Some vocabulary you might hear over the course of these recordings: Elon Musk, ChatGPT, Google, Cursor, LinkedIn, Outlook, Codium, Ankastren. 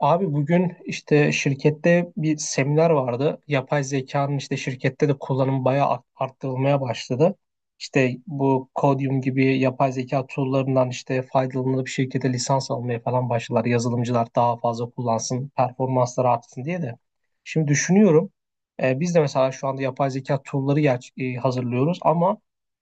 Abi bugün işte şirkette bir seminer vardı. Yapay zekanın işte şirkette de kullanımı bayağı arttırılmaya başladı. İşte bu Codium gibi yapay zeka tool'larından işte faydalanıp şirkete lisans almaya falan başladılar. Yazılımcılar daha fazla kullansın, performansları artsın diye de. Şimdi düşünüyorum, biz de mesela şu anda yapay zeka tool'ları hazırlıyoruz ama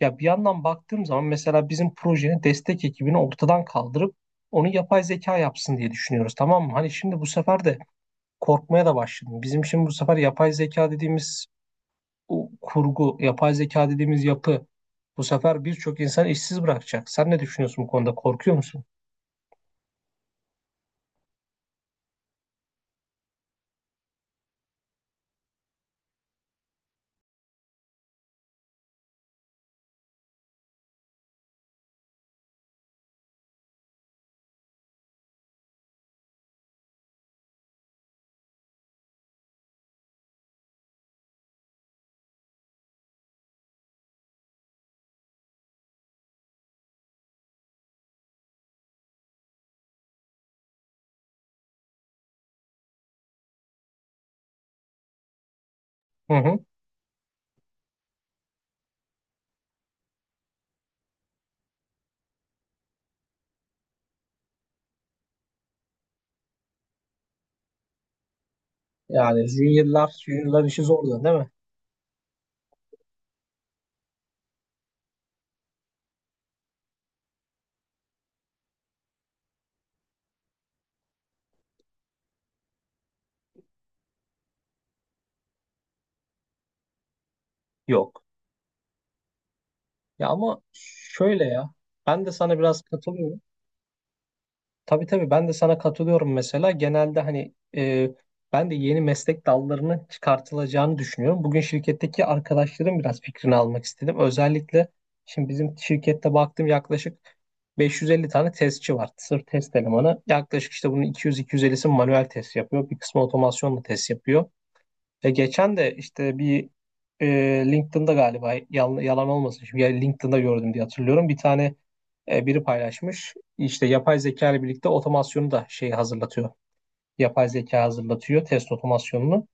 ya bir yandan baktığım zaman mesela bizim projenin destek ekibini ortadan kaldırıp onu yapay zeka yapsın diye düşünüyoruz, tamam mı? Hani şimdi bu sefer de korkmaya da başladım. Bizim şimdi bu sefer yapay zeka dediğimiz o kurgu, yapay zeka dediğimiz yapı bu sefer birçok insan işsiz bırakacak. Sen ne düşünüyorsun bu konuda? Korkuyor musun? Hı hı. Yani juniorlar işi zor da değil mi? Yok. Ya ama şöyle ya. Ben de sana biraz katılıyorum. Tabii tabii, ben de sana katılıyorum mesela. Genelde hani ben de yeni meslek dallarının çıkartılacağını düşünüyorum. Bugün şirketteki arkadaşlarım biraz fikrini almak istedim. Özellikle şimdi bizim şirkette baktım, yaklaşık 550 tane testçi var. Sırf test elemanı. Yaklaşık işte bunun 200-250'si manuel test yapıyor. Bir kısmı otomasyonla test yapıyor. Ve geçen de işte bir e, LinkedIn'da galiba, yalan olmasın. Şimdi ya LinkedIn'da gördüm diye hatırlıyorum. Bir tane biri paylaşmış. İşte yapay zeka ile birlikte otomasyonu da şey hazırlatıyor, yapay zeka hazırlatıyor test otomasyonunu.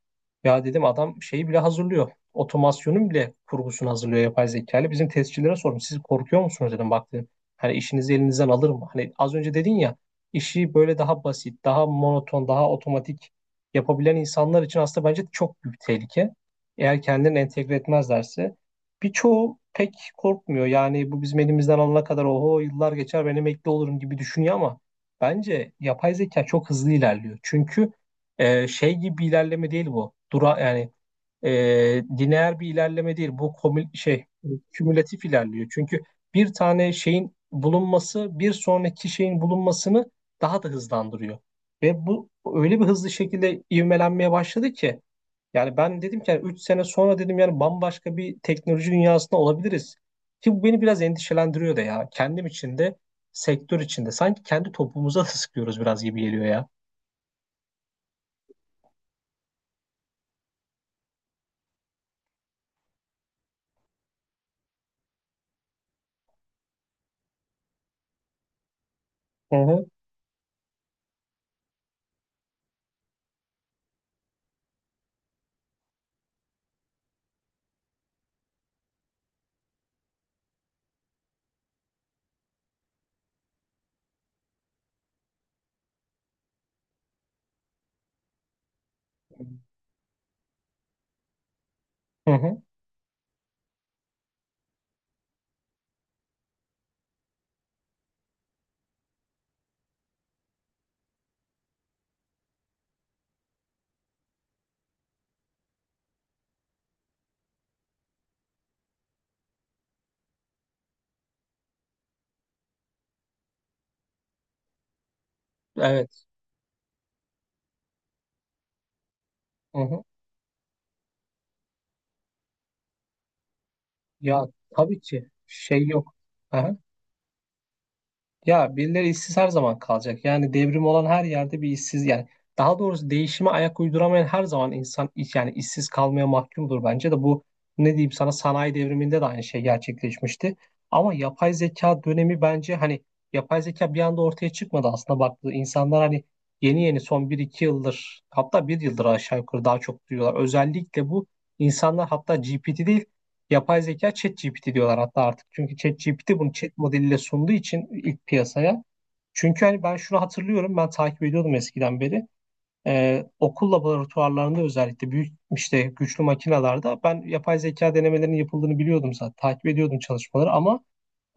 Ya dedim adam şeyi bile hazırlıyor. Otomasyonun bile kurgusunu hazırlıyor yapay zeka ile. Bizim testçilere sordum. Siz korkuyor musunuz dedim. Bak dedim. Hani işinizi elinizden alır mı? Hani az önce dedin ya, işi böyle daha basit, daha monoton, daha otomatik yapabilen insanlar için aslında bence çok büyük tehlike. Eğer kendilerini entegre etmezlerse. Birçoğu pek korkmuyor. Yani bu bizim elimizden alana kadar oho yıllar geçer, ben emekli olurum gibi düşünüyor ama bence yapay zeka çok hızlı ilerliyor. Çünkü şey gibi bir ilerleme değil bu. Dura yani lineer bir ilerleme değil. Bu kümülatif ilerliyor. Çünkü bir tane şeyin bulunması bir sonraki şeyin bulunmasını daha da hızlandırıyor. Ve bu öyle bir hızlı şekilde ivmelenmeye başladı ki, yani ben dedim ki yani 3 sene sonra dedim, yani bambaşka bir teknoloji dünyasında olabiliriz. Ki bu beni biraz endişelendiriyor da ya. Kendim için de sektör içinde sanki kendi topumuza da sıkıyoruz biraz gibi geliyor ya. Hı hı. Hı hı. Evet. Hı hı. Ya tabii ki, şey yok. Hı. Ya birileri işsiz her zaman kalacak. Yani devrim olan her yerde bir işsiz, yani daha doğrusu değişime ayak uyduramayan her zaman insan yani işsiz kalmaya mahkumdur bence de. Bu, ne diyeyim sana, sanayi devriminde de aynı şey gerçekleşmişti. Ama yapay zeka dönemi bence hani, yapay zeka bir anda ortaya çıkmadı aslında, baktığı insanlar hani yeni yeni son bir iki yıldır, hatta bir yıldır aşağı yukarı daha çok duyuyorlar. Özellikle bu insanlar hatta GPT değil, yapay zeka ChatGPT diyorlar hatta artık. Çünkü ChatGPT bunu chat modeliyle sunduğu için ilk piyasaya. Çünkü hani ben şunu hatırlıyorum, ben takip ediyordum eskiden beri. Okul laboratuvarlarında özellikle büyük işte güçlü makinalarda ben yapay zeka denemelerinin yapıldığını biliyordum zaten. Takip ediyordum çalışmaları ama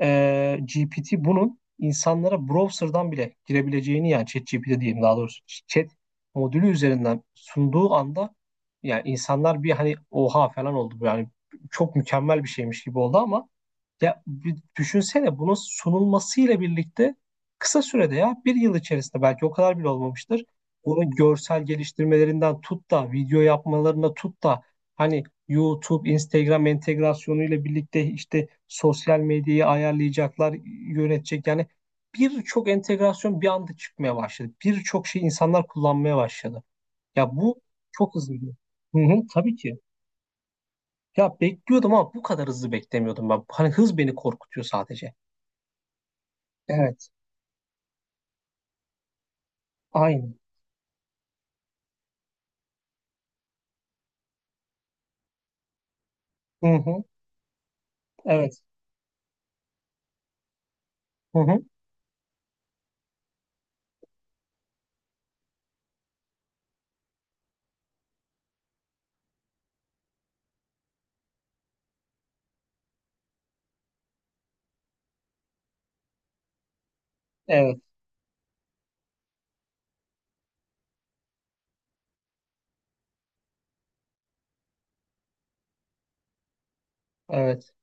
GPT bunun insanlara browser'dan bile girebileceğini, yani ChatGPT diyeyim daha doğrusu, chat modülü üzerinden sunduğu anda yani insanlar bir hani oha falan oldu yani, çok mükemmel bir şeymiş gibi oldu ama ya bir düşünsene, bunun sunulmasıyla birlikte kısa sürede, ya bir yıl içerisinde belki, o kadar bile olmamıştır. Bunun görsel geliştirmelerinden tut da video yapmalarına tut da, hani YouTube, Instagram entegrasyonuyla birlikte işte sosyal medyayı ayarlayacaklar, yönetecek yani, birçok entegrasyon bir anda çıkmaya başladı. Birçok şey insanlar kullanmaya başladı. Ya bu çok hızlı. Hı hı, tabii ki. Ya bekliyordum ama bu kadar hızlı beklemiyordum ben. Hani hız beni korkutuyor sadece. Evet, aynı. Hı hı, evet. Hı hı, evet, evet,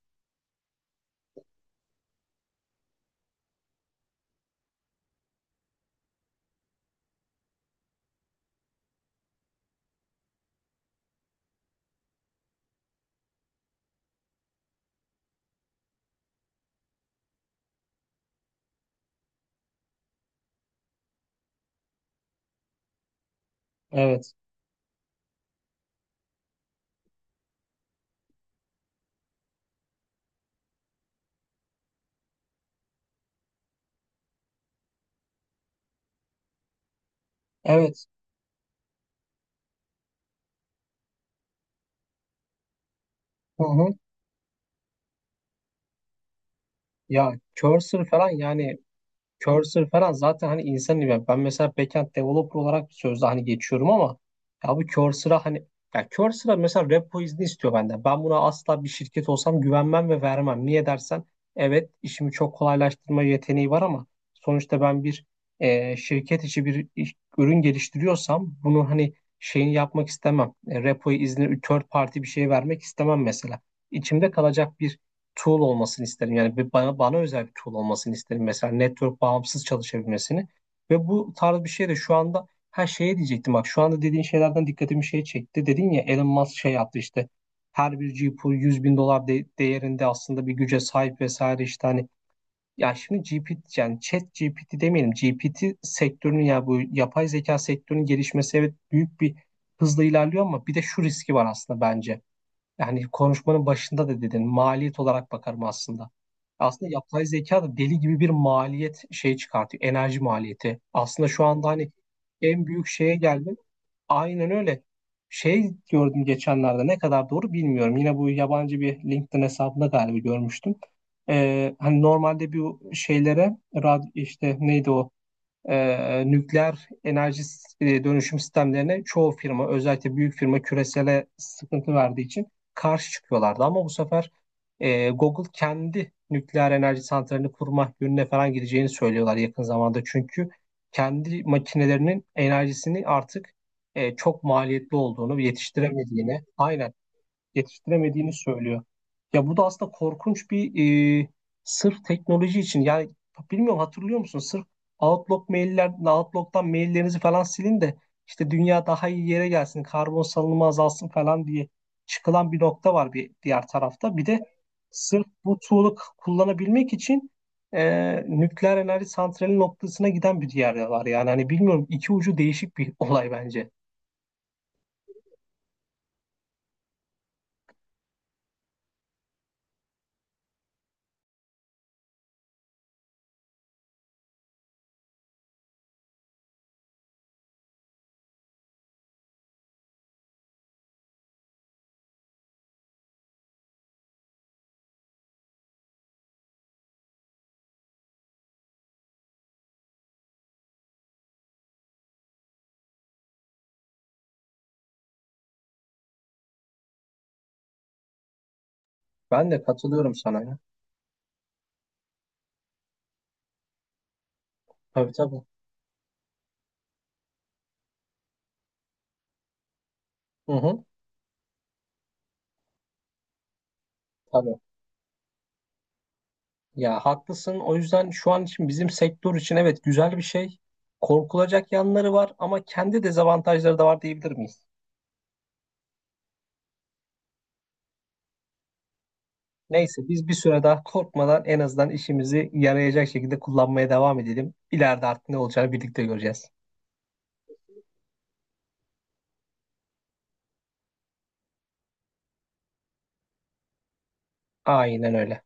evet, evet. Hı hı. Ya Cursor falan yani, Cursor falan zaten hani insan ben. Ben mesela backend developer olarak sözde hani geçiyorum ama ya bu Cursor'a hani, ya Cursor'a mesela repo izni istiyor benden. Ben buna asla bir şirket olsam güvenmem ve vermem. Niye dersen, evet işimi çok kolaylaştırma yeteneği var ama sonuçta ben bir şirket içi bir ürün geliştiriyorsam bunu hani şeyini yapmak istemem. Repo izni third party bir şey vermek istemem mesela. İçimde kalacak bir tool olmasını isterim. Yani bir bana özel bir tool olmasını isterim. Mesela network bağımsız çalışabilmesini ve bu tarz bir şey de. Şu anda her şeye diyecektim. Bak şu anda dediğin şeylerden dikkatimi şey çekti. Dedin ya Elon Musk şey yaptı işte, her bir GPU 100.000 dolar değerinde aslında bir güce sahip vesaire işte hani, ya şimdi GPT yani chat GPT demeyelim, GPT sektörünün ya bu yapay zeka sektörünün gelişmesi evet büyük bir hızla ilerliyor ama bir de şu riski var aslında bence. Yani konuşmanın başında da dedin, maliyet olarak bakarım aslında. Aslında yapay zeka da deli gibi bir maliyet şey çıkartıyor. Enerji maliyeti. Aslında şu anda hani en büyük şeye geldi. Aynen öyle. Şey gördüm geçenlerde, ne kadar doğru bilmiyorum. Yine bu yabancı bir LinkedIn hesabında galiba görmüştüm. Hani normalde bu şeylere işte neydi o nükleer enerji dönüşüm sistemlerine, çoğu firma özellikle büyük firma küresele sıkıntı verdiği için karşı çıkıyorlardı. Ama bu sefer Google kendi nükleer enerji santralini kurma yönüne falan gideceğini söylüyorlar yakın zamanda. Çünkü kendi makinelerinin enerjisini artık çok maliyetli olduğunu, yetiştiremediğini, aynen yetiştiremediğini söylüyor. Ya bu da aslında korkunç bir sırf teknoloji için yani, bilmiyorum hatırlıyor musun? Sırf Outlook mailler, Outlook'tan maillerinizi falan silin de işte dünya daha iyi yere gelsin, karbon salınımı azalsın falan diye çıkılan bir nokta var bir diğer tarafta. Bir de sırf bu tool'u kullanabilmek için nükleer enerji santrali noktasına giden bir diğer de var. Yani hani bilmiyorum, iki ucu değişik bir olay bence. Ben de katılıyorum sana ya. Tabii tabii. Hı hı. Tabii. Ya haklısın. O yüzden şu an için bizim sektör için evet güzel bir şey. Korkulacak yanları var ama kendi dezavantajları da var diyebilir miyiz? Neyse biz bir süre daha korkmadan en azından işimizi yarayacak şekilde kullanmaya devam edelim. İleride artık ne olacağını birlikte göreceğiz. Aynen öyle.